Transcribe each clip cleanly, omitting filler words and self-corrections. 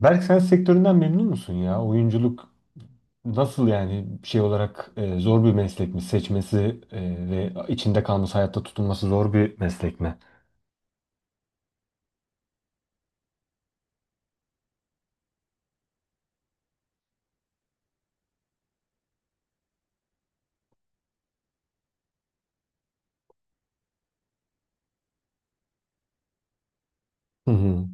Berk sen sektöründen memnun musun ya? Oyunculuk nasıl yani şey olarak zor bir meslek mi? Seçmesi ve içinde kalması, hayatta tutunması zor bir meslek mi? Hı hı.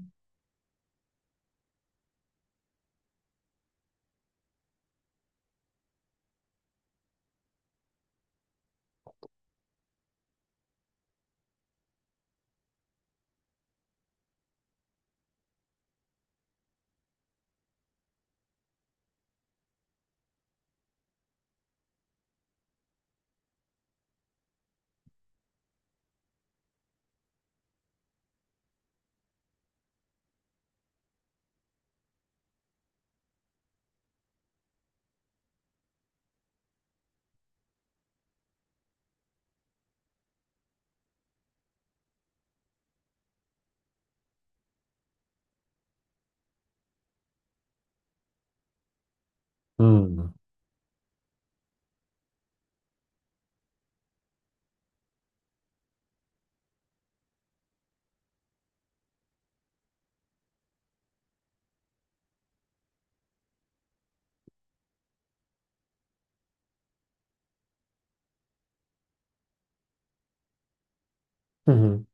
Hı hı. Hı hı.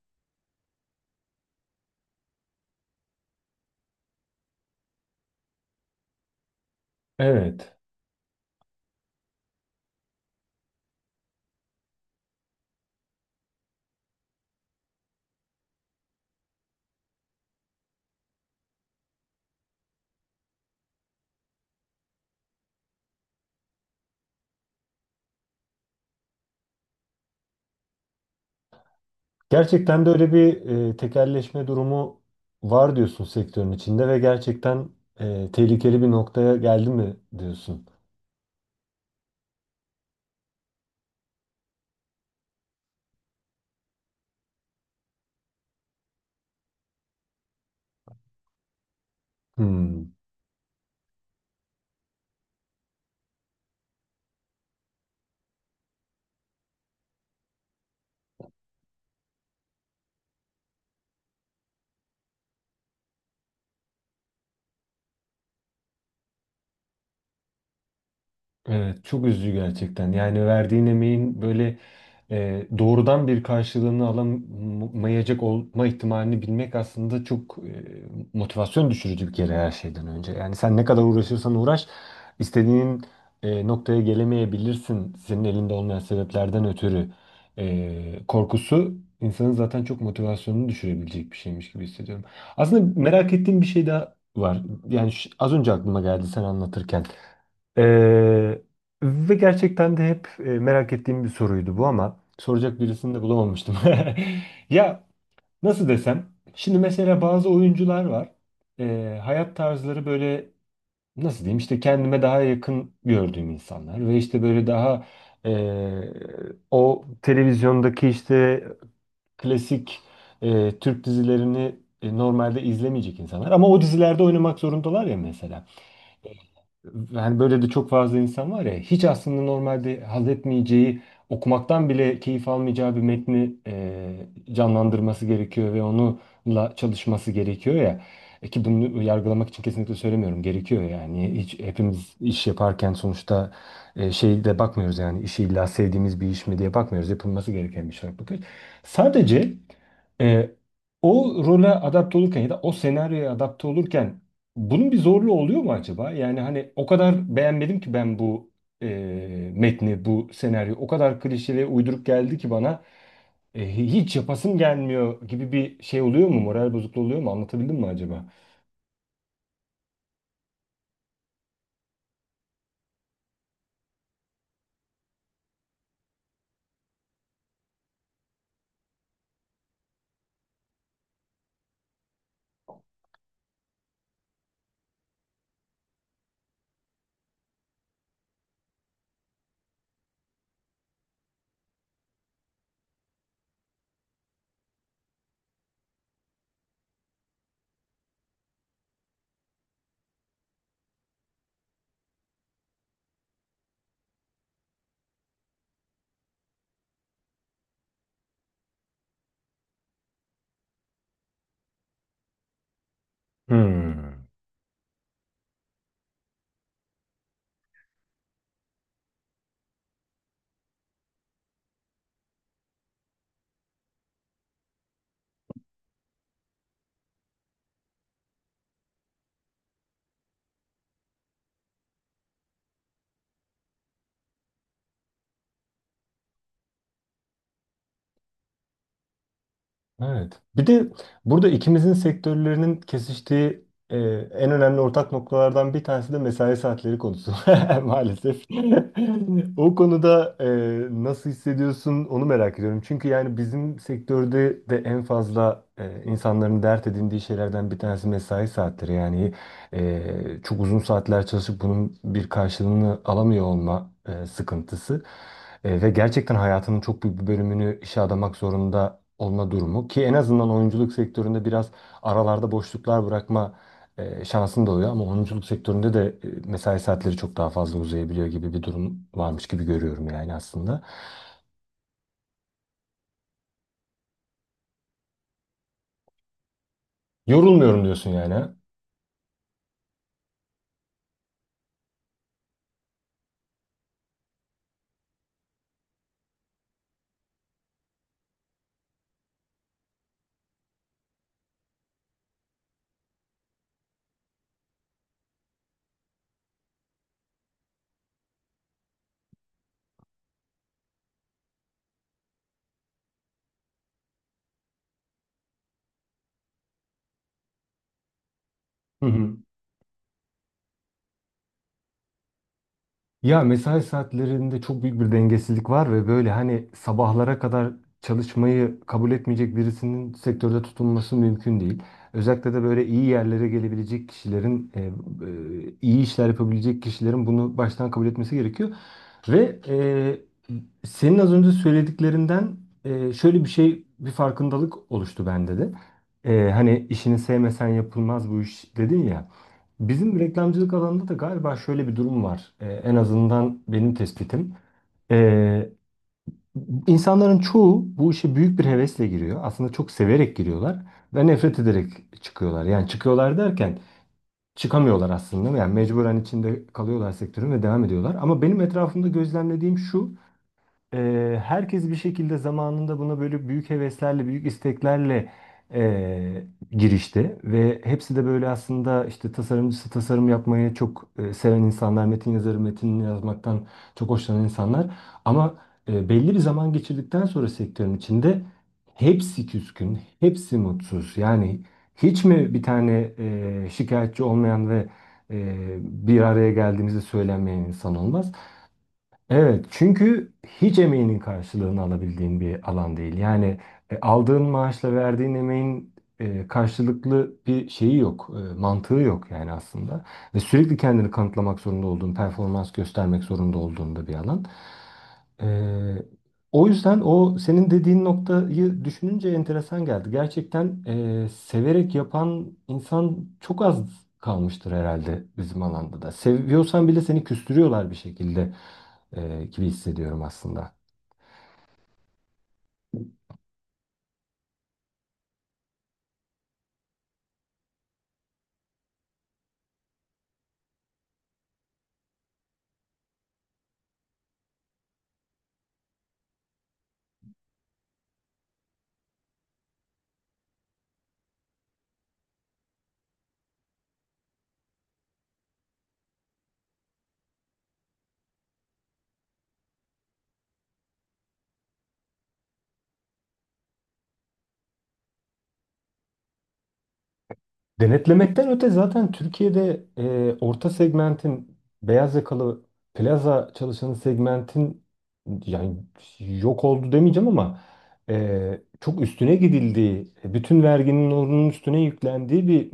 Evet. Gerçekten de öyle bir tekelleşme durumu var diyorsun sektörün içinde ve gerçekten tehlikeli bir noktaya geldi mi diyorsun. Hmm. Evet, çok üzücü gerçekten. Yani verdiğin emeğin böyle doğrudan bir karşılığını alamayacak olma ihtimalini bilmek aslında çok motivasyon düşürücü bir kere her şeyden önce. Yani sen ne kadar uğraşırsan uğraş, istediğin noktaya gelemeyebilirsin senin elinde olmayan sebeplerden ötürü. E, korkusu insanın zaten çok motivasyonunu düşürebilecek bir şeymiş gibi hissediyorum. Aslında merak ettiğim bir şey daha var. Yani az önce aklıma geldi sen anlatırken. Ee, ve gerçekten de hep merak ettiğim bir soruydu bu ama soracak birisini de bulamamıştım. Ya nasıl desem, şimdi mesela bazı oyuncular var. Hayat tarzları böyle nasıl diyeyim işte kendime daha yakın gördüğüm insanlar ve işte böyle daha e, o televizyondaki işte klasik Türk dizilerini normalde izlemeyecek insanlar ama o dizilerde oynamak zorundalar ya mesela. Hani böyle de çok fazla insan var ya hiç aslında normalde haz etmeyeceği okumaktan bile keyif almayacağı bir metni canlandırması gerekiyor ve onunla çalışması gerekiyor ya. E ki bunu yargılamak için kesinlikle söylemiyorum. Gerekiyor yani. Hiç hepimiz iş yaparken sonuçta şey de bakmıyoruz yani işi illa sevdiğimiz bir iş mi diye bakmıyoruz. Yapılması gereken bir şey olarak bakıyoruz. Sadece e, o role adapte olurken ya da o senaryoya adapte olurken bunun bir zorluğu oluyor mu acaba? Yani hani o kadar beğenmedim ki ben bu e, metni, bu senaryo. O kadar klişe ve uyduruk geldi ki bana hiç yapasım gelmiyor gibi bir şey oluyor mu? Moral bozukluğu oluyor mu? Anlatabildim mi acaba? Hmm. Evet. Bir de burada ikimizin sektörlerinin kesiştiği e, en önemli ortak noktalardan bir tanesi de mesai saatleri konusu maalesef. O konuda nasıl hissediyorsun onu merak ediyorum. Çünkü yani bizim sektörde de en fazla insanların dert edindiği şeylerden bir tanesi mesai saatleri. Yani çok uzun saatler çalışıp bunun bir karşılığını alamıyor olma sıkıntısı. Ve gerçekten hayatının çok büyük bir bölümünü işe adamak zorunda olma durumu ki en azından oyunculuk sektöründe biraz aralarda boşluklar bırakma şansın da oluyor ama oyunculuk sektöründe de mesai saatleri çok daha fazla uzayabiliyor gibi bir durum varmış gibi görüyorum yani aslında. Yorulmuyorum diyorsun yani. Ha? Hı hı. Ya mesai saatlerinde çok büyük bir dengesizlik var ve böyle hani sabahlara kadar çalışmayı kabul etmeyecek birisinin sektörde tutunması mümkün değil. Özellikle de böyle iyi yerlere gelebilecek kişilerin, iyi işler yapabilecek kişilerin bunu baştan kabul etmesi gerekiyor. Ve senin az önce söylediklerinden şöyle bir şey, bir farkındalık oluştu bende de. Hani işini sevmesen yapılmaz bu iş dedin ya. Bizim reklamcılık alanında da galiba şöyle bir durum var. En azından benim tespitim. Ee, insanların çoğu bu işe büyük bir hevesle giriyor. Aslında çok severek giriyorlar ve nefret ederek çıkıyorlar. Yani çıkıyorlar derken çıkamıyorlar aslında. Yani mecburen içinde kalıyorlar sektörün ve devam ediyorlar. Ama benim etrafımda gözlemlediğim şu. Herkes bir şekilde zamanında buna böyle büyük heveslerle, büyük isteklerle eee, girişti ve hepsi de böyle aslında işte tasarımcısı tasarım yapmayı çok seven insanlar, metin yazarı metinini yazmaktan çok hoşlanan insanlar ama belli bir zaman geçirdikten sonra sektörün içinde hepsi küskün, hepsi mutsuz. Yani hiç mi bir tane şikayetçi olmayan ve e, bir araya geldiğimizde söylenmeyen insan olmaz? Evet, çünkü hiç emeğinin karşılığını alabildiğin bir alan değil. Yani aldığın maaşla verdiğin emeğin karşılıklı bir şeyi yok, mantığı yok yani aslında. Ve sürekli kendini kanıtlamak zorunda olduğun, performans göstermek zorunda olduğun da bir alan. E, o yüzden o senin dediğin noktayı düşününce enteresan geldi. Gerçekten severek yapan insan çok az kalmıştır herhalde bizim alanda da. Seviyorsan bile seni küstürüyorlar bir şekilde gibi hissediyorum aslında. Denetlemekten öte zaten Türkiye'de orta segmentin beyaz yakalı plaza çalışanı segmentin yani yok oldu demeyeceğim ama çok üstüne gidildiği, bütün verginin onun üstüne yüklendiği bir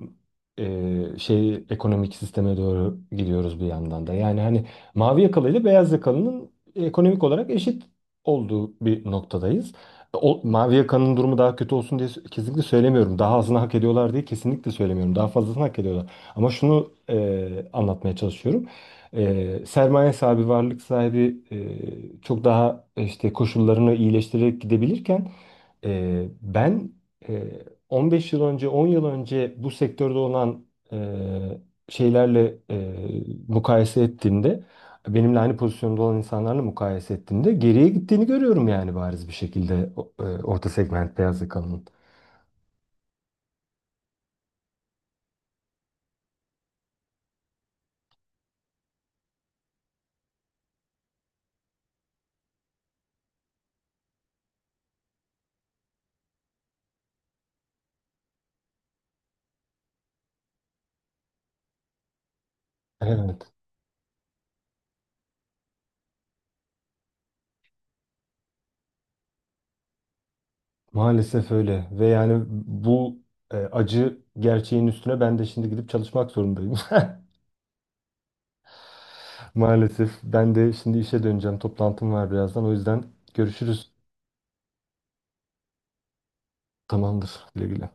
şey ekonomik sisteme doğru gidiyoruz bir yandan da. Yani hani mavi yakalı ile beyaz yakalının ekonomik olarak eşit olduğu bir noktadayız. O, Mavi Yaka'nın durumu daha kötü olsun diye kesinlikle söylemiyorum. Daha azını hak ediyorlar diye kesinlikle söylemiyorum. Daha fazlasını hak ediyorlar. Ama şunu anlatmaya çalışıyorum. Sermaye sahibi, varlık sahibi çok daha işte koşullarını iyileştirerek gidebilirken ben e, 15 yıl önce, 10 yıl önce bu sektörde olan e, şeylerle mukayese ettiğimde benimle aynı pozisyonda olan insanlarla mukayese ettiğimde geriye gittiğini görüyorum yani bariz bir şekilde orta segment beyaz yakalının. Evet, maalesef öyle ve yani bu acı gerçeğin üstüne ben de şimdi gidip çalışmak zorundayım. Maalesef ben de şimdi işe döneceğim. Toplantım var birazdan. O yüzden görüşürüz. Tamamdır. Güle güle.